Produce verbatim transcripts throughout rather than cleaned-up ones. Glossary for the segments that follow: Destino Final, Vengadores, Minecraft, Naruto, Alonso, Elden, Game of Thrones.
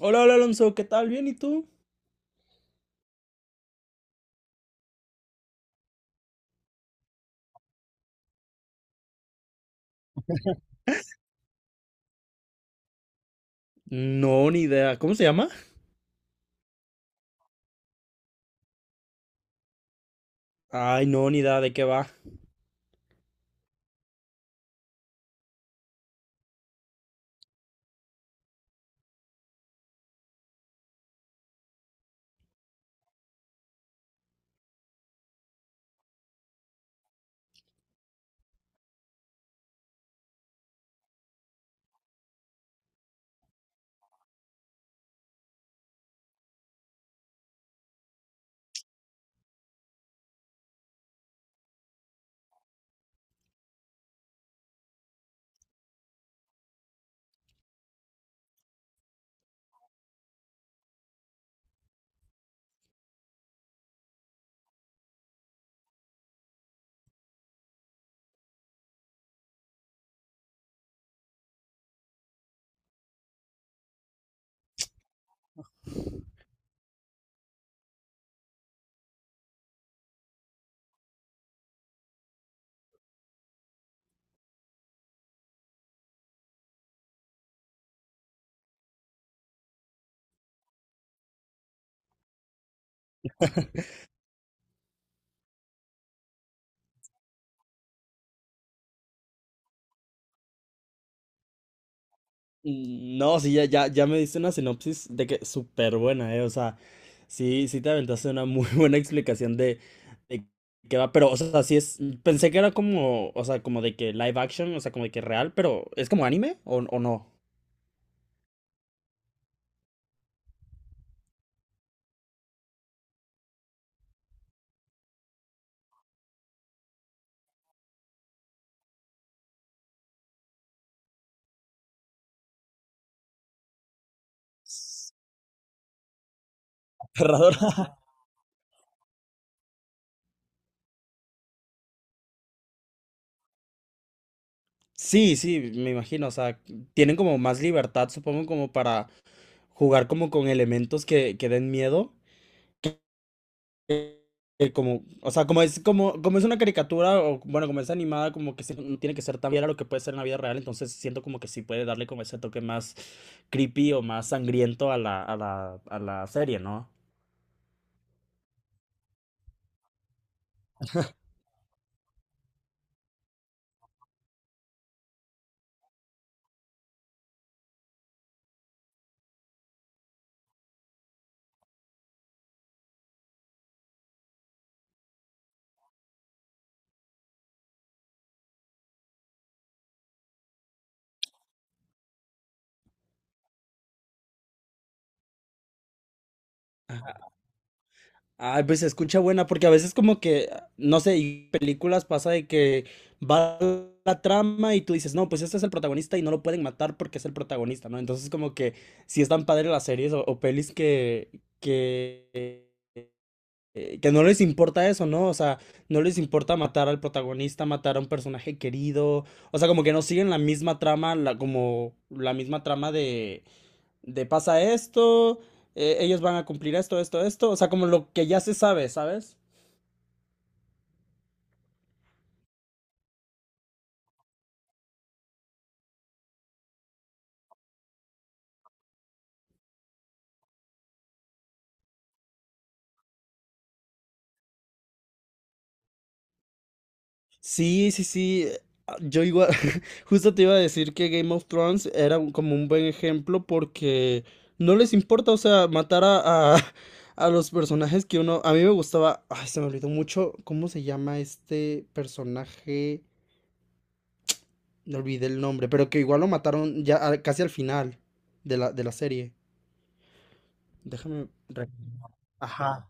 Hola, hola Alonso, ¿qué tal? ¿Bien y tú? No, ni idea. ¿Cómo se llama? Ay, no, ni idea de qué va. Mm, no, sí, ya, ya, ya me diste una sinopsis de que súper buena, ¿eh? O sea, sí, sí te aventaste una muy buena explicación de, de qué va, pero, o sea, sí es, pensé que era como, o sea, como de que live action, o sea, como de que real, pero ¿es como anime o, o no? Aterradora. Sí, sí, me imagino, o sea, tienen como más libertad, supongo, como para jugar como con elementos que, que den miedo. Que como, o sea, como es, como, como es una caricatura, o bueno, como es animada, como que sí, no tiene que ser tan fiel a lo que puede ser en la vida real, entonces siento como que sí puede darle como ese toque más creepy o más sangriento a la, a la, a la serie, ¿no? Ay, pues se escucha buena, porque a veces como que, no sé, y películas pasa de que va la trama y tú dices, no, pues este es el protagonista y no lo pueden matar porque es el protagonista, ¿no? Entonces como que sí están padres las series o, o pelis que, que eh, que no les importa eso, ¿no? O sea, no les importa matar al protagonista, matar a un personaje querido. O sea, como que no siguen la misma trama, la, como la misma trama de, de pasa esto, eh, ellos van a cumplir esto, esto, esto. O sea, como lo que ya se sabe, ¿sabes? Sí, sí, sí. eh, ah, Yo igual, justo te iba a decir que Game of Thrones era un- como un buen ejemplo porque no les importa, o sea, matar a, a, a los personajes que uno... A mí me gustaba, ay, se me olvidó mucho cómo se llama este personaje, me olvidé el nombre, pero que igual lo mataron ya a- casi al final de la, de la serie. Déjame... re- Ajá.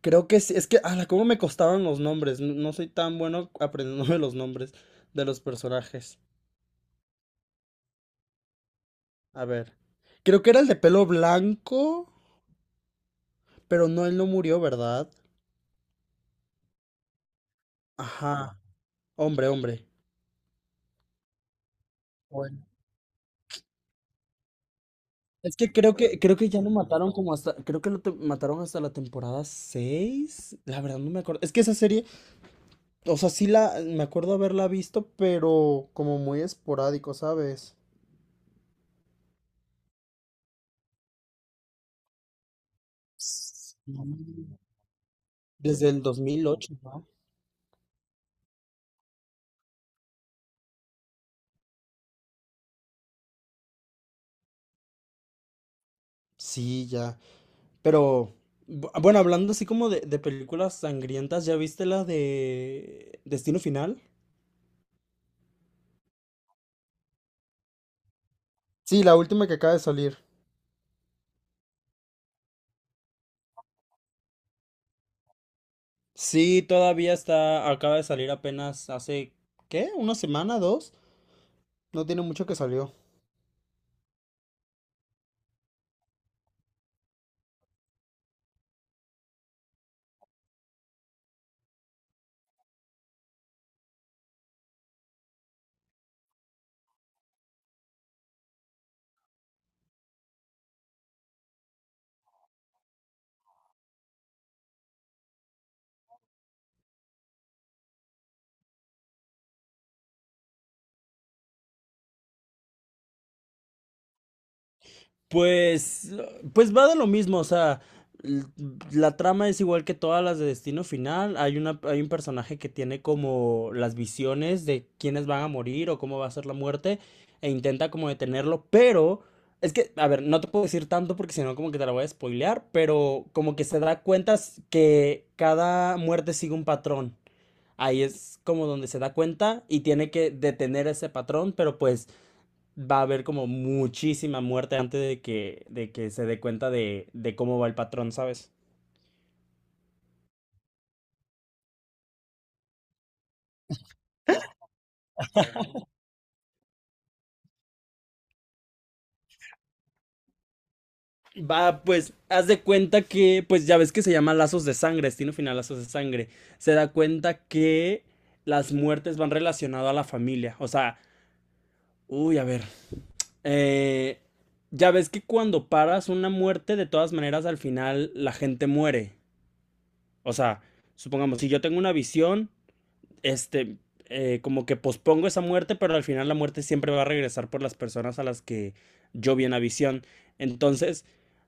Creo que sí, es que, ala, cómo me costaban los nombres, no, no soy tan bueno aprendiéndome los nombres de los personajes. A ver. Creo que era el de pelo blanco, pero no, él no murió, ¿verdad? Ajá. Hombre, hombre. Bueno. Es que creo que creo que ya lo mataron como hasta creo que lo te- mataron hasta la temporada seis. La verdad no me acuerdo. Es que esa serie, o sea, sí la me acuerdo haberla visto, pero como muy esporádico, ¿sabes? Sí. Desde el dos mil ocho, ¿no? Sí, ya. Pero bu- bueno, hablando así como de, de películas sangrientas, ¿ya viste la de Destino Final? Sí, la última que acaba de salir. Sí, todavía está, acaba de salir apenas hace, ¿qué? ¿Una semana, dos? No tiene mucho que salió. Pues, pues va de lo mismo, o sea, l- la trama es igual que todas las de Destino Final. Hay una, hay un personaje que tiene como las visiones de quiénes van a morir o cómo va a ser la muerte e intenta como detenerlo, pero es que, a ver, no te puedo decir tanto porque si no como que te la voy a spoilear, pero como que se da cuenta que cada muerte sigue un patrón. Ahí es como donde se da cuenta y tiene que detener ese patrón, pero pues va a haber como muchísima muerte antes de que, de que se dé cuenta de, de cómo va el patrón, ¿sabes? Va, pues, haz de cuenta que, pues ya ves que se llama lazos de sangre, destino final lazos de sangre. Se da cuenta que las muertes van relacionadas a la familia. O sea, uy, a ver. eh, ya ves que cuando paras una muerte, de todas maneras, al final la gente muere. O sea, supongamos, si yo tengo una visión, este, eh, como que pospongo esa muerte, pero al final la muerte siempre va a regresar por las personas a las que yo vi en la visión. Entonces,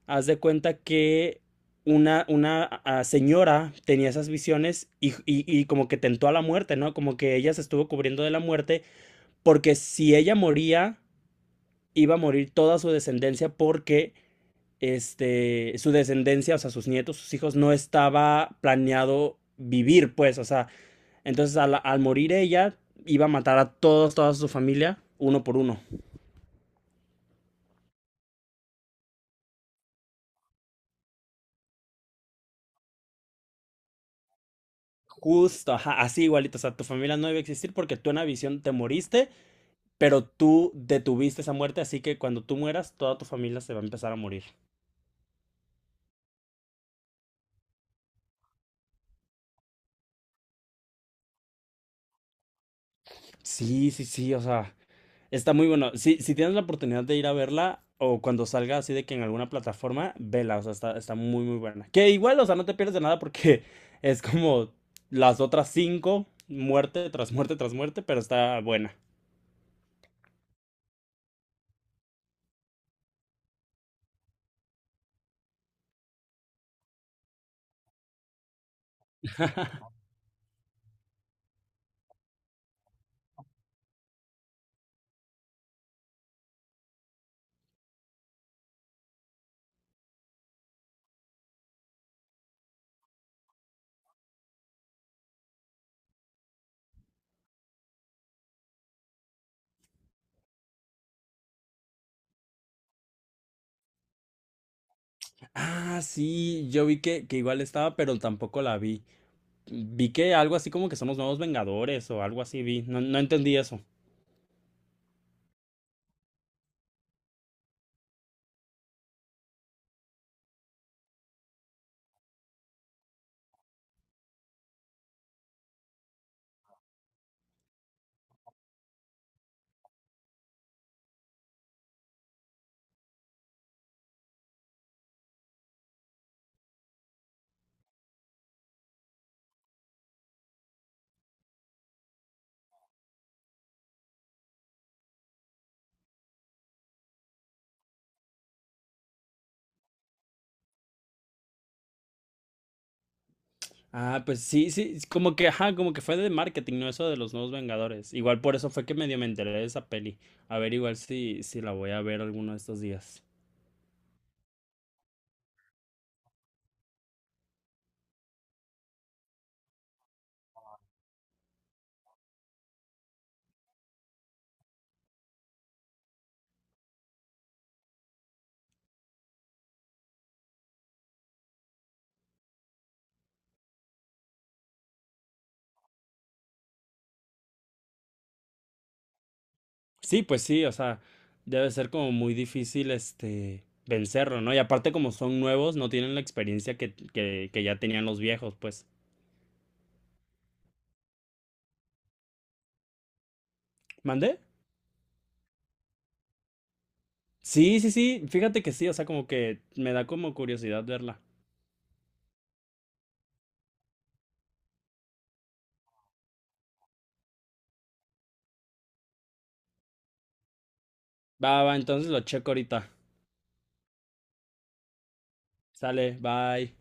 haz de cuenta que una, una ah, señora tenía esas visiones y, y- y como que tentó a la muerte, ¿no? Como que ella se estuvo cubriendo de la muerte porque si ella moría, iba a morir toda su descendencia porque este, su descendencia, o sea, sus nietos, sus hijos, no estaba planeado vivir, pues, o sea, entonces al, al morir ella, iba a matar a todos, toda su familia, uno por uno. Justo, ajá, así igualito. O sea, tu familia no debe existir porque tú en la visión te moriste, pero tú detuviste esa muerte, así que cuando tú mueras, toda tu familia se va a empezar a morir. Sí, sí, sí, o sea, está muy bueno. Si, si tienes la oportunidad de ir a verla o cuando salga así de que en alguna plataforma, vela, o sea, está, está muy, muy buena. Que igual, o sea, no te pierdes de nada porque es como las otras cinco, muerte tras muerte tras muerte, pero está buena. Ah, sí, yo vi que, que igual estaba, pero tampoco la vi. Vi que algo así como que son los nuevos Vengadores o algo así vi. No, no entendí eso. Ah, pues sí, sí, es como que, ajá, como que fue de marketing, no eso de los nuevos Vengadores. Igual por eso fue que medio me enteré de esa peli. A ver, igual si, si la voy a ver alguno de estos días. Sí, pues sí, o sea, debe ser como muy difícil este vencerlo, ¿no? Y aparte como son nuevos, no tienen la experiencia que, que, que ya tenían los viejos, pues. ¿Mandé? Sí, sí, sí, fíjate que sí, o sea, como que me da como curiosidad verla. Va, va, entonces lo checo ahorita. Sale, bye.